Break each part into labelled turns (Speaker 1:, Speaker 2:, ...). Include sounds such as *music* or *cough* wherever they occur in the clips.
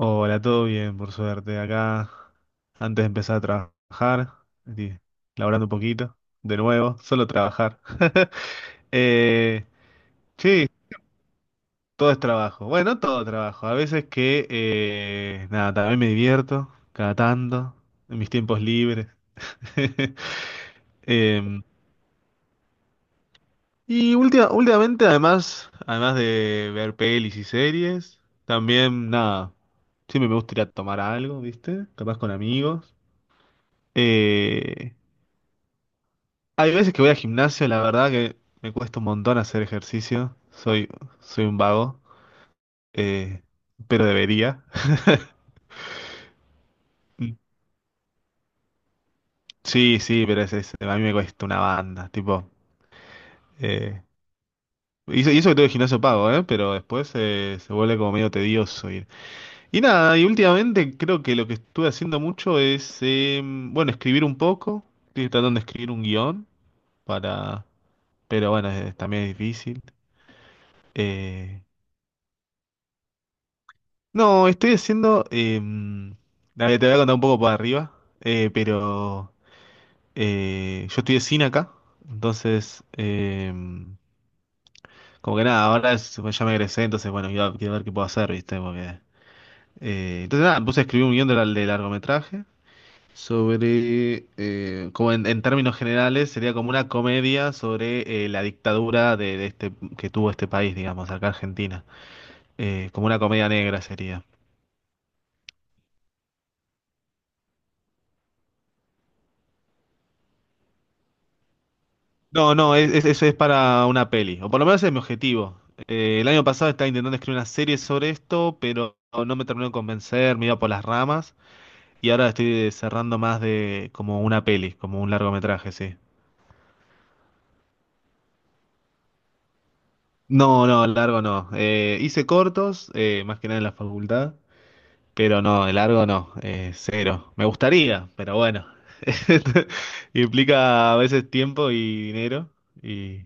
Speaker 1: Hola, todo bien, por suerte. Acá, antes de empezar a trabajar, estoy laburando un poquito, de nuevo, solo trabajar. *laughs* Eh, sí, todo es trabajo. Bueno, todo trabajo. A veces que, nada, también me divierto, cada tanto, en mis tiempos libres. *laughs* Eh, últimamente, además de ver pelis y series, también, nada, siempre me gusta ir a tomar algo, ¿viste? Capaz con amigos. Eh, Hay veces que voy al gimnasio, la verdad que me cuesta un montón hacer ejercicio. Soy un vago, eh, pero debería. *laughs* Mm. Sí, sí, pero a mí me cuesta una banda, tipo. eh, y eso que tengo el gimnasio pago, ¿eh? Pero después se vuelve como medio tedioso ir. Y nada, y últimamente creo que lo que estuve haciendo mucho es, bueno, escribir un poco. Estoy tratando de escribir un guión para... Pero bueno, también es difícil. Eh, No, estoy haciendo. Dale, te voy a contar un poco para arriba, eh, pero yo estoy de cine acá, entonces, como que nada, pues, ya me egresé, entonces, bueno, quiero ver qué puedo hacer, ¿viste? Porque, entonces, nada, me puse a escribir un guión de largometraje sobre, como en términos generales, sería como una comedia sobre la dictadura de este, que tuvo este país, digamos, acá Argentina. Como una comedia negra sería. No, no, eso es para una peli, o por lo menos es mi objetivo. El año pasado estaba intentando escribir una serie sobre esto, pero no me terminó de convencer, me iba por las ramas, y ahora estoy cerrando más de como una peli, como un largometraje, sí. No, no, el largo no. Hice cortos, más que nada en la facultad, pero no, el largo no, cero. Me gustaría, pero bueno, *laughs* implica a veces tiempo y dinero, y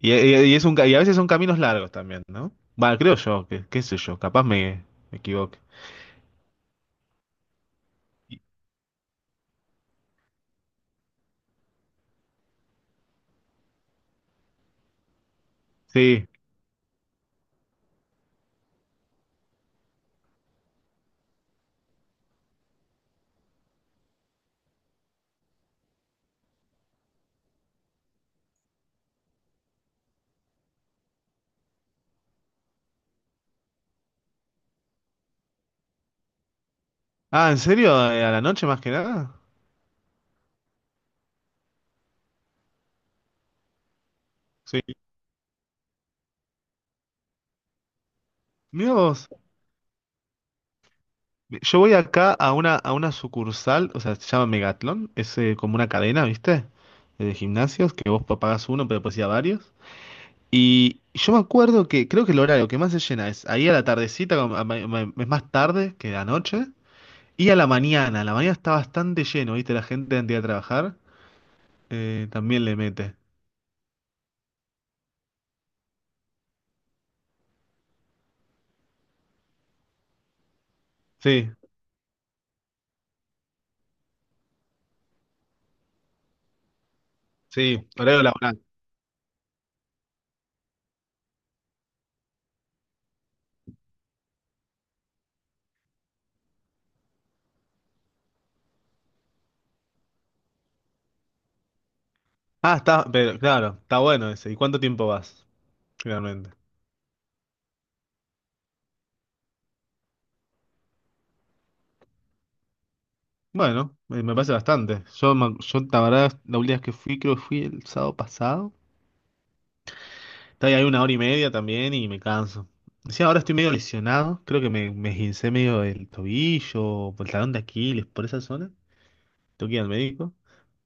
Speaker 1: Y es un, y a veces son caminos largos también, ¿no? Bueno, creo yo, que, qué sé yo, me equivoque. Y- Sí. Ah, ¿en serio? ¿A la noche más que nada? Sí. Mirá vos. Yo voy acá a a una sucursal, o sea, se llama Megatlón, es como una cadena, ¿viste? De gimnasios, que vos pagás uno, pero puedes ir a varios. Y yo me acuerdo que creo que el horario que más se llena es ahí a la tardecita, como a es más tarde que la noche, y a la mañana. A la mañana está bastante lleno, ¿viste? La gente antes de ir a trabajar. También le mete. Sí. Sí, horario laboral. Ah, está, pero claro, está bueno ese. ¿Y cuánto tiempo vas, realmente? Bueno, me parece bastante. Yo, la verdad, la última vez que fui, creo que fui el sábado pasado. Estaba ahí una hora y media también y me canso. Sí, ahora estoy medio lesionado. Creo que me esguincé medio el tobillo, por el talón de Aquiles, por esa zona. Tengo que ir al médico.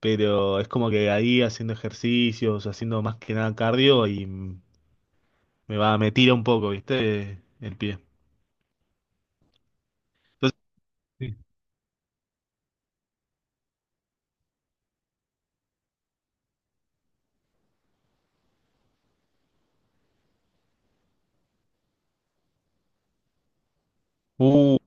Speaker 1: Pero es como que ahí haciendo ejercicios, haciendo más que nada cardio y me tira un poco, ¿viste? El pie. Entonces, sí. Uh,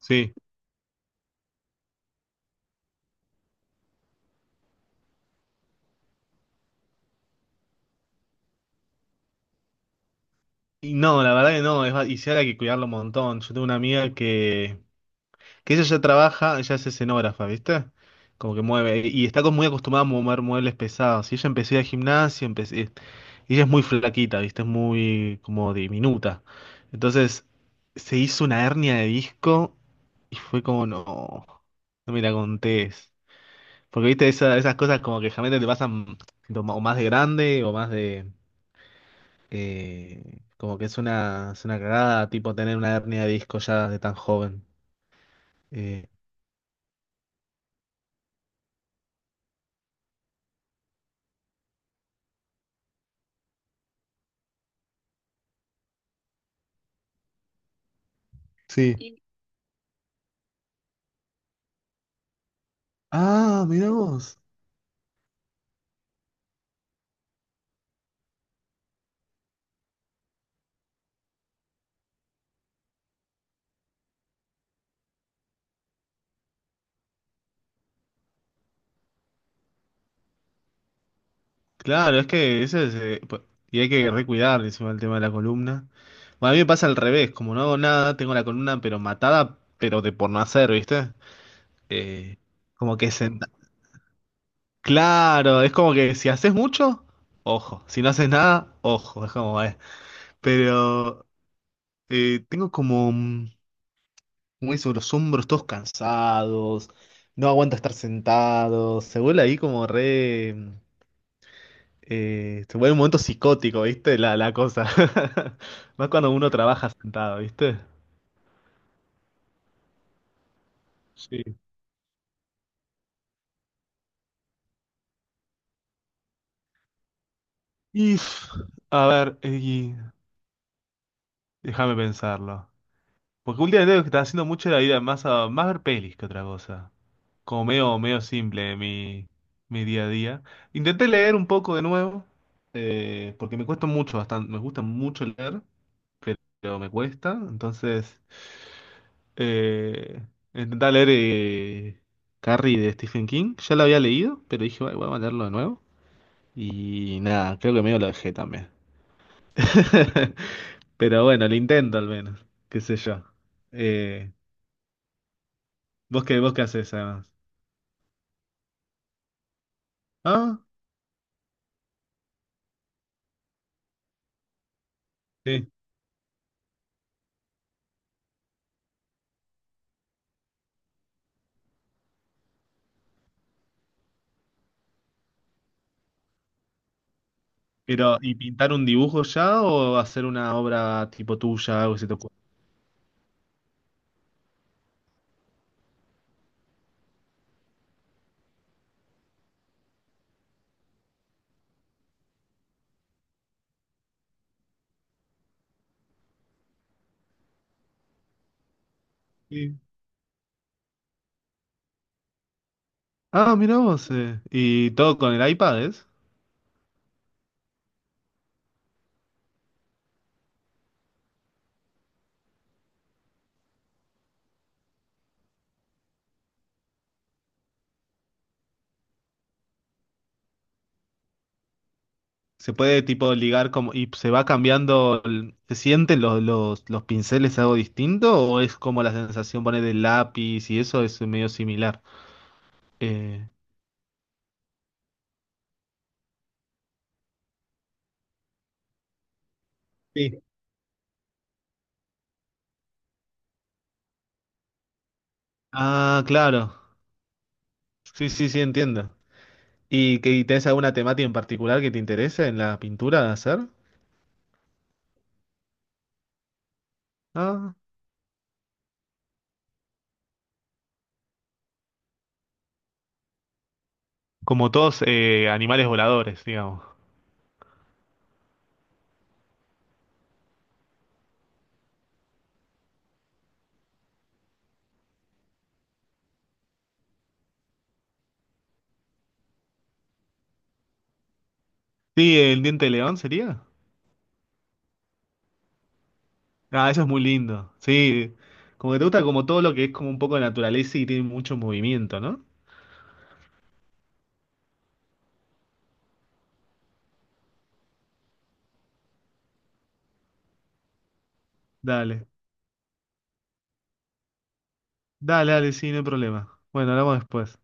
Speaker 1: sí. Y no, la verdad que no, y sí ahora hay que cuidarlo un montón. Yo tengo una amiga que ella ya trabaja, ella es escenógrafa, ¿viste? Como que mueve, y está como muy acostumbrada a mover muebles pesados. Y ella empezó a ir al gimnasio, empecé, ella es muy flaquita, ¿viste? Es muy como diminuta. Entonces, se hizo una hernia de disco y fue como, no, no me la contés. Porque, ¿viste? Esas cosas como que realmente te pasan o más de grande o más de... como que es una cagada, tipo, tener una hernia de disco ya de tan joven. Eh, sí. Y ah, mirá vos. Claro, es que eso es. Y hay que recuidar encima el tema de la columna. Bueno, a mí me pasa al revés, como no hago nada, tengo la columna pero matada, pero de por no hacer, ¿viste? Eh, como que senta. Claro, es como que si haces mucho, ojo. Si no haces nada, ojo. Es como, pero tengo como. Muy sobre los hombros, todos cansados, no aguanta estar sentados, se vuelve ahí como re... se vuelve un momento psicótico, ¿viste? La cosa. *laughs* Más cuando uno trabaja sentado, ¿viste? Sí. Y... pff, a ver, y- déjame pensarlo. Porque últimamente lo que está haciendo mucho la vida más a más ver pelis que otra cosa. Como medio simple mi día a día. Intenté leer un poco de nuevo, porque me cuesta mucho, bastante, me gusta mucho leer. Pero me cuesta. Entonces, eh, intenté leer Carrie de Stephen King. Ya lo había leído, pero dije, "Ay, voy a leerlo de nuevo". Y nada, creo que medio lo dejé también. *laughs* Pero bueno, lo intento al menos, qué sé yo. Eh, vos qué haces además? Ah, sí. Pero, ¿y pintar un dibujo ya o hacer una obra tipo tuya, algo que se te ocurra? Sí. Ah, mira vos. ¿Y todo con el iPad, eh? Se puede tipo ligar como y se va cambiando, ¿se sienten los pinceles algo distinto o es como la sensación pone del lápiz y eso es medio similar? Eh, Sí. Ah, claro. Sí, sí, sí, entiendo. ¿Y que y tenés alguna temática en particular que te interese en la pintura de hacer? Ah, como todos animales voladores, digamos. Sí, el diente de león sería. Ah, eso es muy lindo. Sí, como que te gusta como todo lo que es como un poco de naturaleza y tiene mucho movimiento, ¿no? Dale. Dale, dale, sí, no hay problema. Bueno, hablamos después.